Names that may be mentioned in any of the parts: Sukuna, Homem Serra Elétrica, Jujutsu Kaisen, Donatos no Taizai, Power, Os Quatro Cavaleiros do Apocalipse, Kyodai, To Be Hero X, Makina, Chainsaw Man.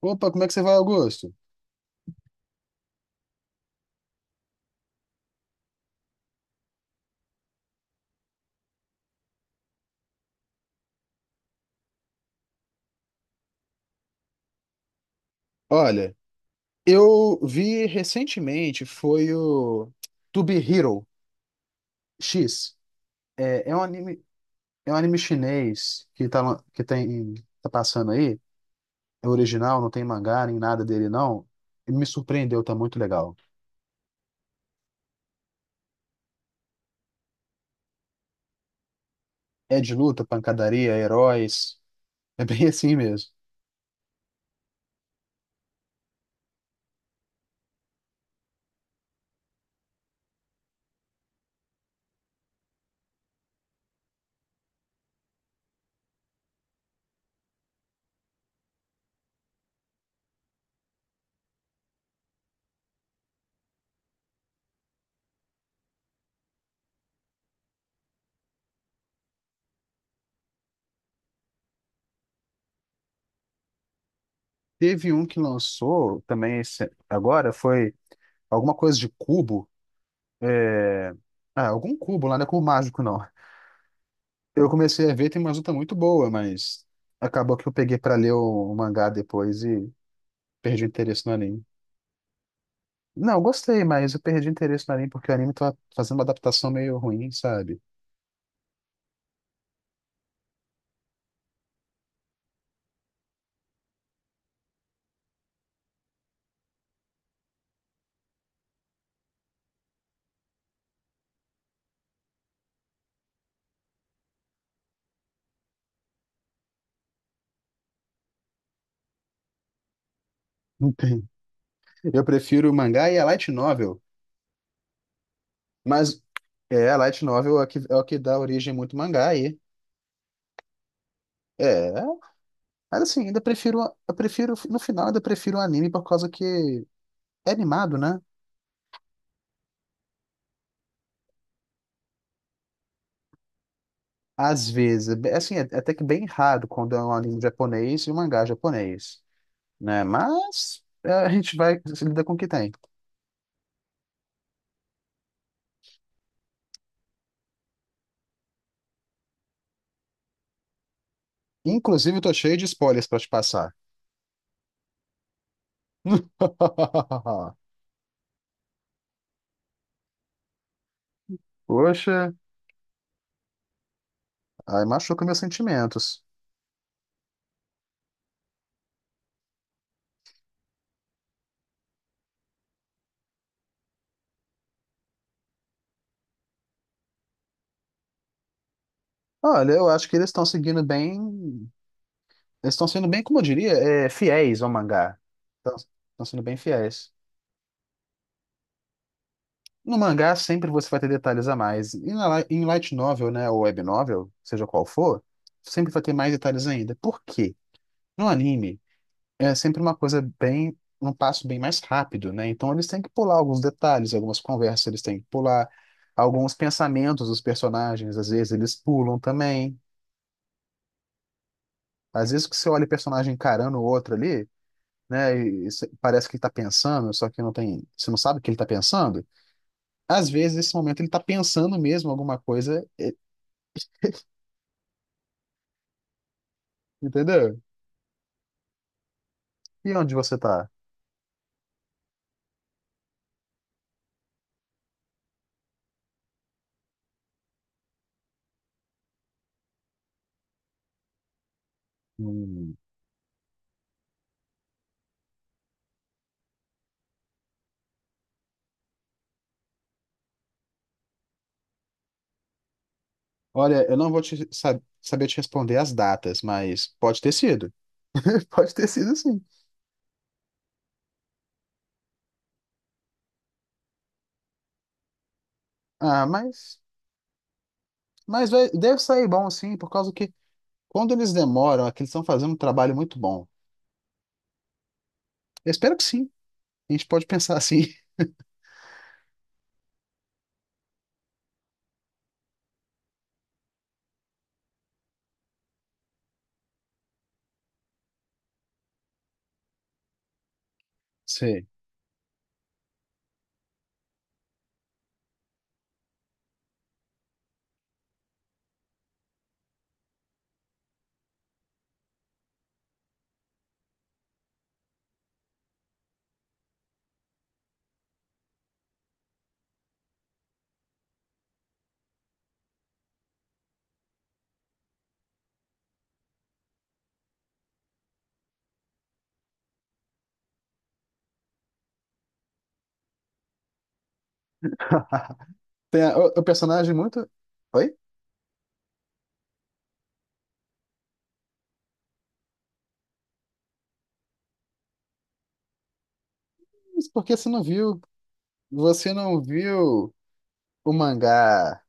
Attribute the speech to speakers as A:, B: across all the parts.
A: Opa, como é que você vai, Augusto? Olha, eu vi recentemente, foi o To Be Hero X. É um anime, é um anime chinês que tá, que tem, tá passando aí. É original, não tem mangá nem nada dele, não. E me surpreendeu, tá muito legal. É de luta, pancadaria, heróis. É bem assim mesmo. Teve um que lançou também agora, foi alguma coisa de cubo. É... Ah, algum cubo lá, não é cubo mágico, não. Eu comecei a ver, tem uma luta muito boa, mas acabou que eu peguei pra ler o mangá depois e perdi o interesse no anime. Não, eu gostei, mas eu perdi o interesse no anime porque o anime tá fazendo uma adaptação meio ruim, sabe? Não tem. Eu prefiro o mangá e a light novel, mas é, a light novel é o que dá origem muito mangá aí. É, mas assim, ainda prefiro, eu prefiro, no final ainda prefiro o anime por causa que é animado, né? Às vezes, é assim, é até que bem raro quando é um anime japonês e um mangá japonês. Né? Mas é, a gente vai se lidar com o que tem. Inclusive, eu tô cheio de spoilers pra te passar. Poxa, aí machuca meus sentimentos. Olha, eu acho que eles estão seguindo bem. Eles estão sendo bem, como eu diria, fiéis ao mangá. Estão sendo bem fiéis. No mangá, sempre você vai ter detalhes a mais. E na, em light novel, né, ou web novel, seja qual for, sempre vai ter mais detalhes ainda. Por quê? No anime. É sempre uma coisa bem, um passo bem mais rápido, né? Então eles têm que pular alguns detalhes, algumas conversas, eles têm que pular alguns pensamentos dos personagens, às vezes eles pulam também. Às vezes que você olha o personagem encarando o outro ali, né? E parece que ele tá pensando, só que não tem, você não sabe o que ele tá pensando. Às vezes nesse momento ele tá pensando mesmo alguma coisa, entendeu? E onde você tá? Hum. Olha, eu não vou te saber te responder as datas, mas pode ter sido. Pode ter sido sim. Ah, mas deve sair bom, sim, por causa que quando eles demoram, é que eles estão fazendo um trabalho muito bom. Eu espero que sim. A gente pode pensar assim. Sei. Tem o personagem muito. Oi? Mas por que você não viu? Você não viu o mangá?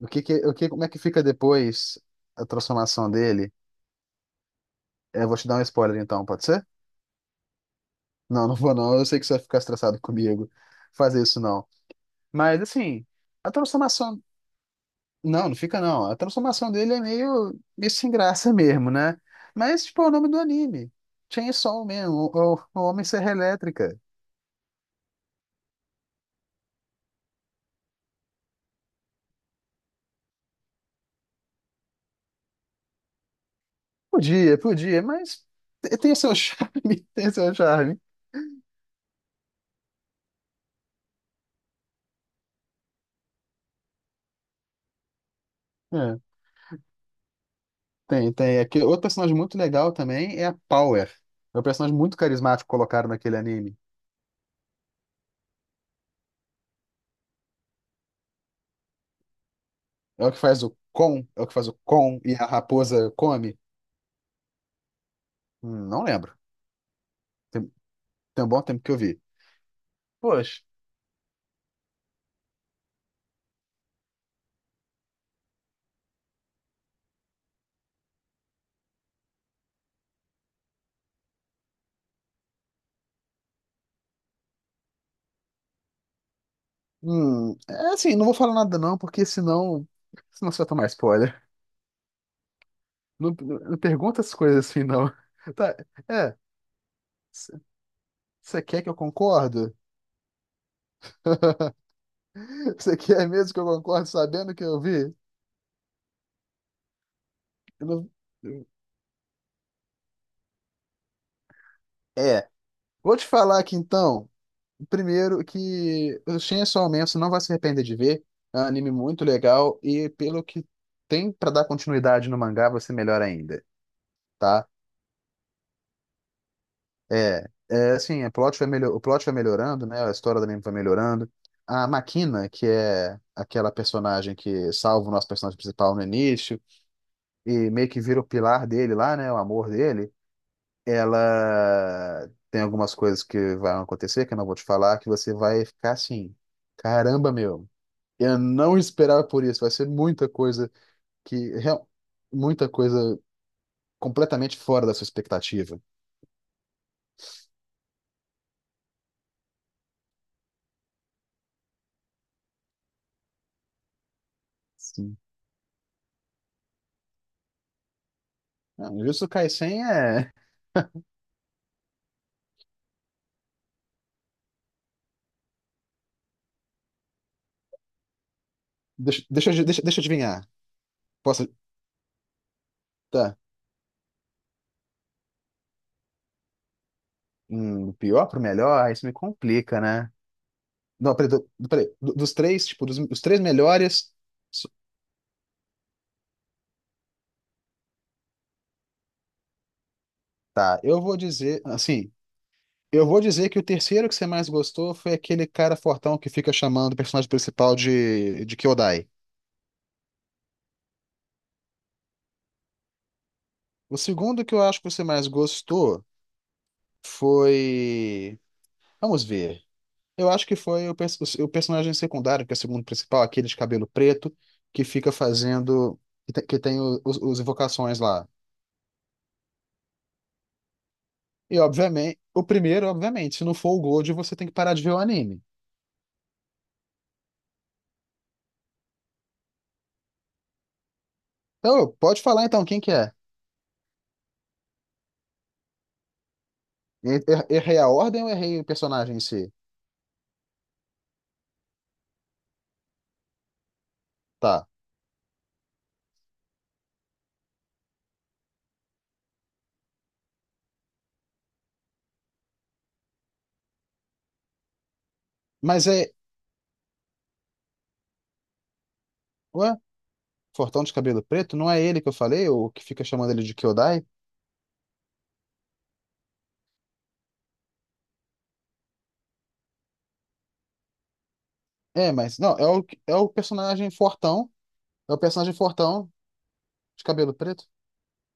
A: O que que, o que, como é que fica depois a transformação dele? É, eu vou te dar um spoiler então, pode ser? Não, não vou não. Eu sei que você vai ficar estressado comigo fazer isso não. Mas assim, a transformação não, não fica não. A transformação dele é meio, meio sem graça mesmo, né? Mas, tipo, é o nome do anime. Chainsaw mesmo, o Homem Serra Elétrica. Podia, podia, mas tem seu charme, tem seu charme. É, tem, tem. Aqui, outro personagem muito legal também é a Power. É um personagem muito carismático que colocaram naquele anime. É o que faz o Kon, é o que faz o Kon e a raposa come. Não lembro. Tem, tem um bom tempo que eu vi. Poxa. É assim, não vou falar nada não, porque senão, senão você vai tomar spoiler. Não, pergunta as coisas assim, não. Tá, é, você quer que eu concordo? Você quer mesmo que eu concorde sabendo que eu vi? Eu não- É, vou te falar aqui então, primeiro que o Chainsaw Man você não vai se arrepender de ver, é um anime muito legal e pelo que tem pra dar continuidade no mangá vai ser melhor ainda, tá? É, é assim, a plot vai melhor, o plot vai melhorando, né? A história da menina vai melhorando. A Makina, que é aquela personagem que salva o nosso personagem principal no início e meio que vira o pilar dele lá, né? O amor dele. Ela tem algumas coisas que vão acontecer, que eu não vou te falar, que você vai ficar assim, caramba, meu, eu não esperava por isso. Vai ser muita coisa que, real- muita coisa completamente fora da sua expectativa. Sim. Não, Jujutsu Kaisen é deixa, deixa eu adivinhar. Posso. Tá. Do pior pro melhor, isso me complica, né? Não, peraí, peraí. Dos três, tipo, dos, os três melhores. so- Tá, eu vou dizer. Assim, eu vou dizer que o terceiro que você mais gostou foi aquele cara fortão que fica chamando o personagem principal de Kyodai. O segundo que eu acho que você mais gostou foi. Vamos ver. Eu acho que foi o personagem secundário, que é o segundo principal, aquele de cabelo preto, que fica fazendo. Que tem, que tem os invocações lá. E, obviamente, o primeiro, obviamente, se não for o Gold, você tem que parar de ver o anime. Então, pode falar então quem que é. Errei a ordem ou errei o personagem em si? Tá. Mas é. Ué? Fortão de cabelo preto? Não é ele que eu falei, o que fica chamando ele de Kyodai? É, mas. Não, é o personagem Fortão. É o personagem Fortão de cabelo preto.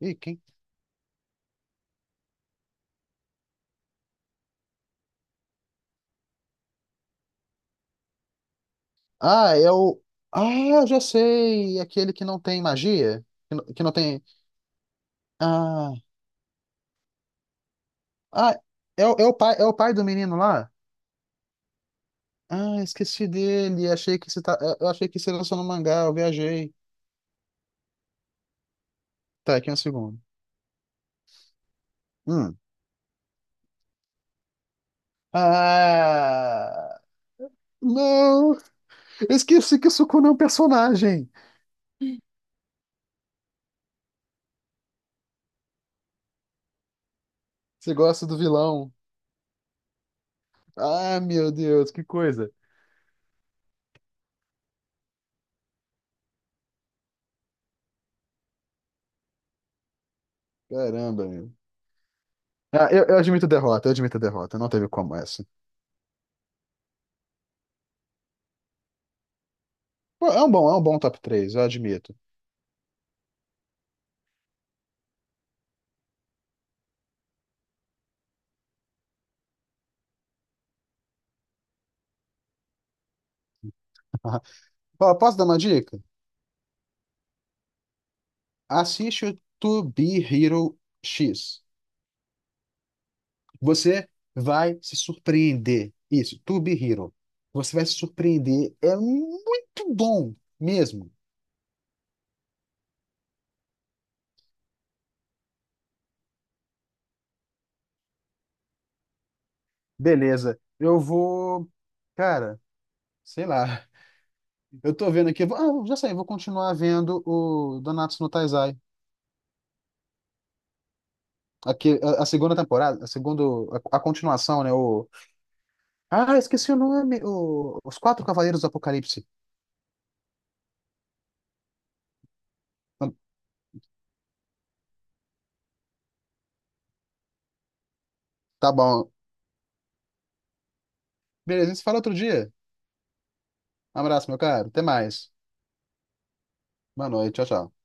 A: Ih, quem? Ah, é o. Ah, já sei! Aquele que não tem magia? Que não tem. Ah, ah é, é o pai do menino lá? Ah, esqueci dele. Achei que você tá... Eu achei que você lançou no mangá, eu viajei. Tá, aqui um segundo. Hum. Ah! Não! Eu esqueci que o Sukuna é um personagem! Você gosta do vilão? Ah, meu Deus, que coisa! Caramba, meu. Ah, eu admito derrota, eu admito derrota. Não teve como essa. Pô, é um bom top 3 eu admito. Ó, posso dar uma dica? Assiste o To Be Hero X. Você vai se surpreender. Isso, To Be Hero. Você vai se surpreender. É muito bom mesmo. Beleza. Eu vou. Cara, sei lá. Eu tô vendo aqui. Ah, já sei, eu vou continuar vendo o Donatos no Taizai. Aqui, a segunda temporada, a segunda, a continuação, né? O... Ah, esqueci o nome. O... Os Quatro Cavaleiros do Apocalipse. Tá bom. Beleza, a gente se fala outro dia. Um abraço, meu caro. Até mais. Boa noite. Tchau, tchau.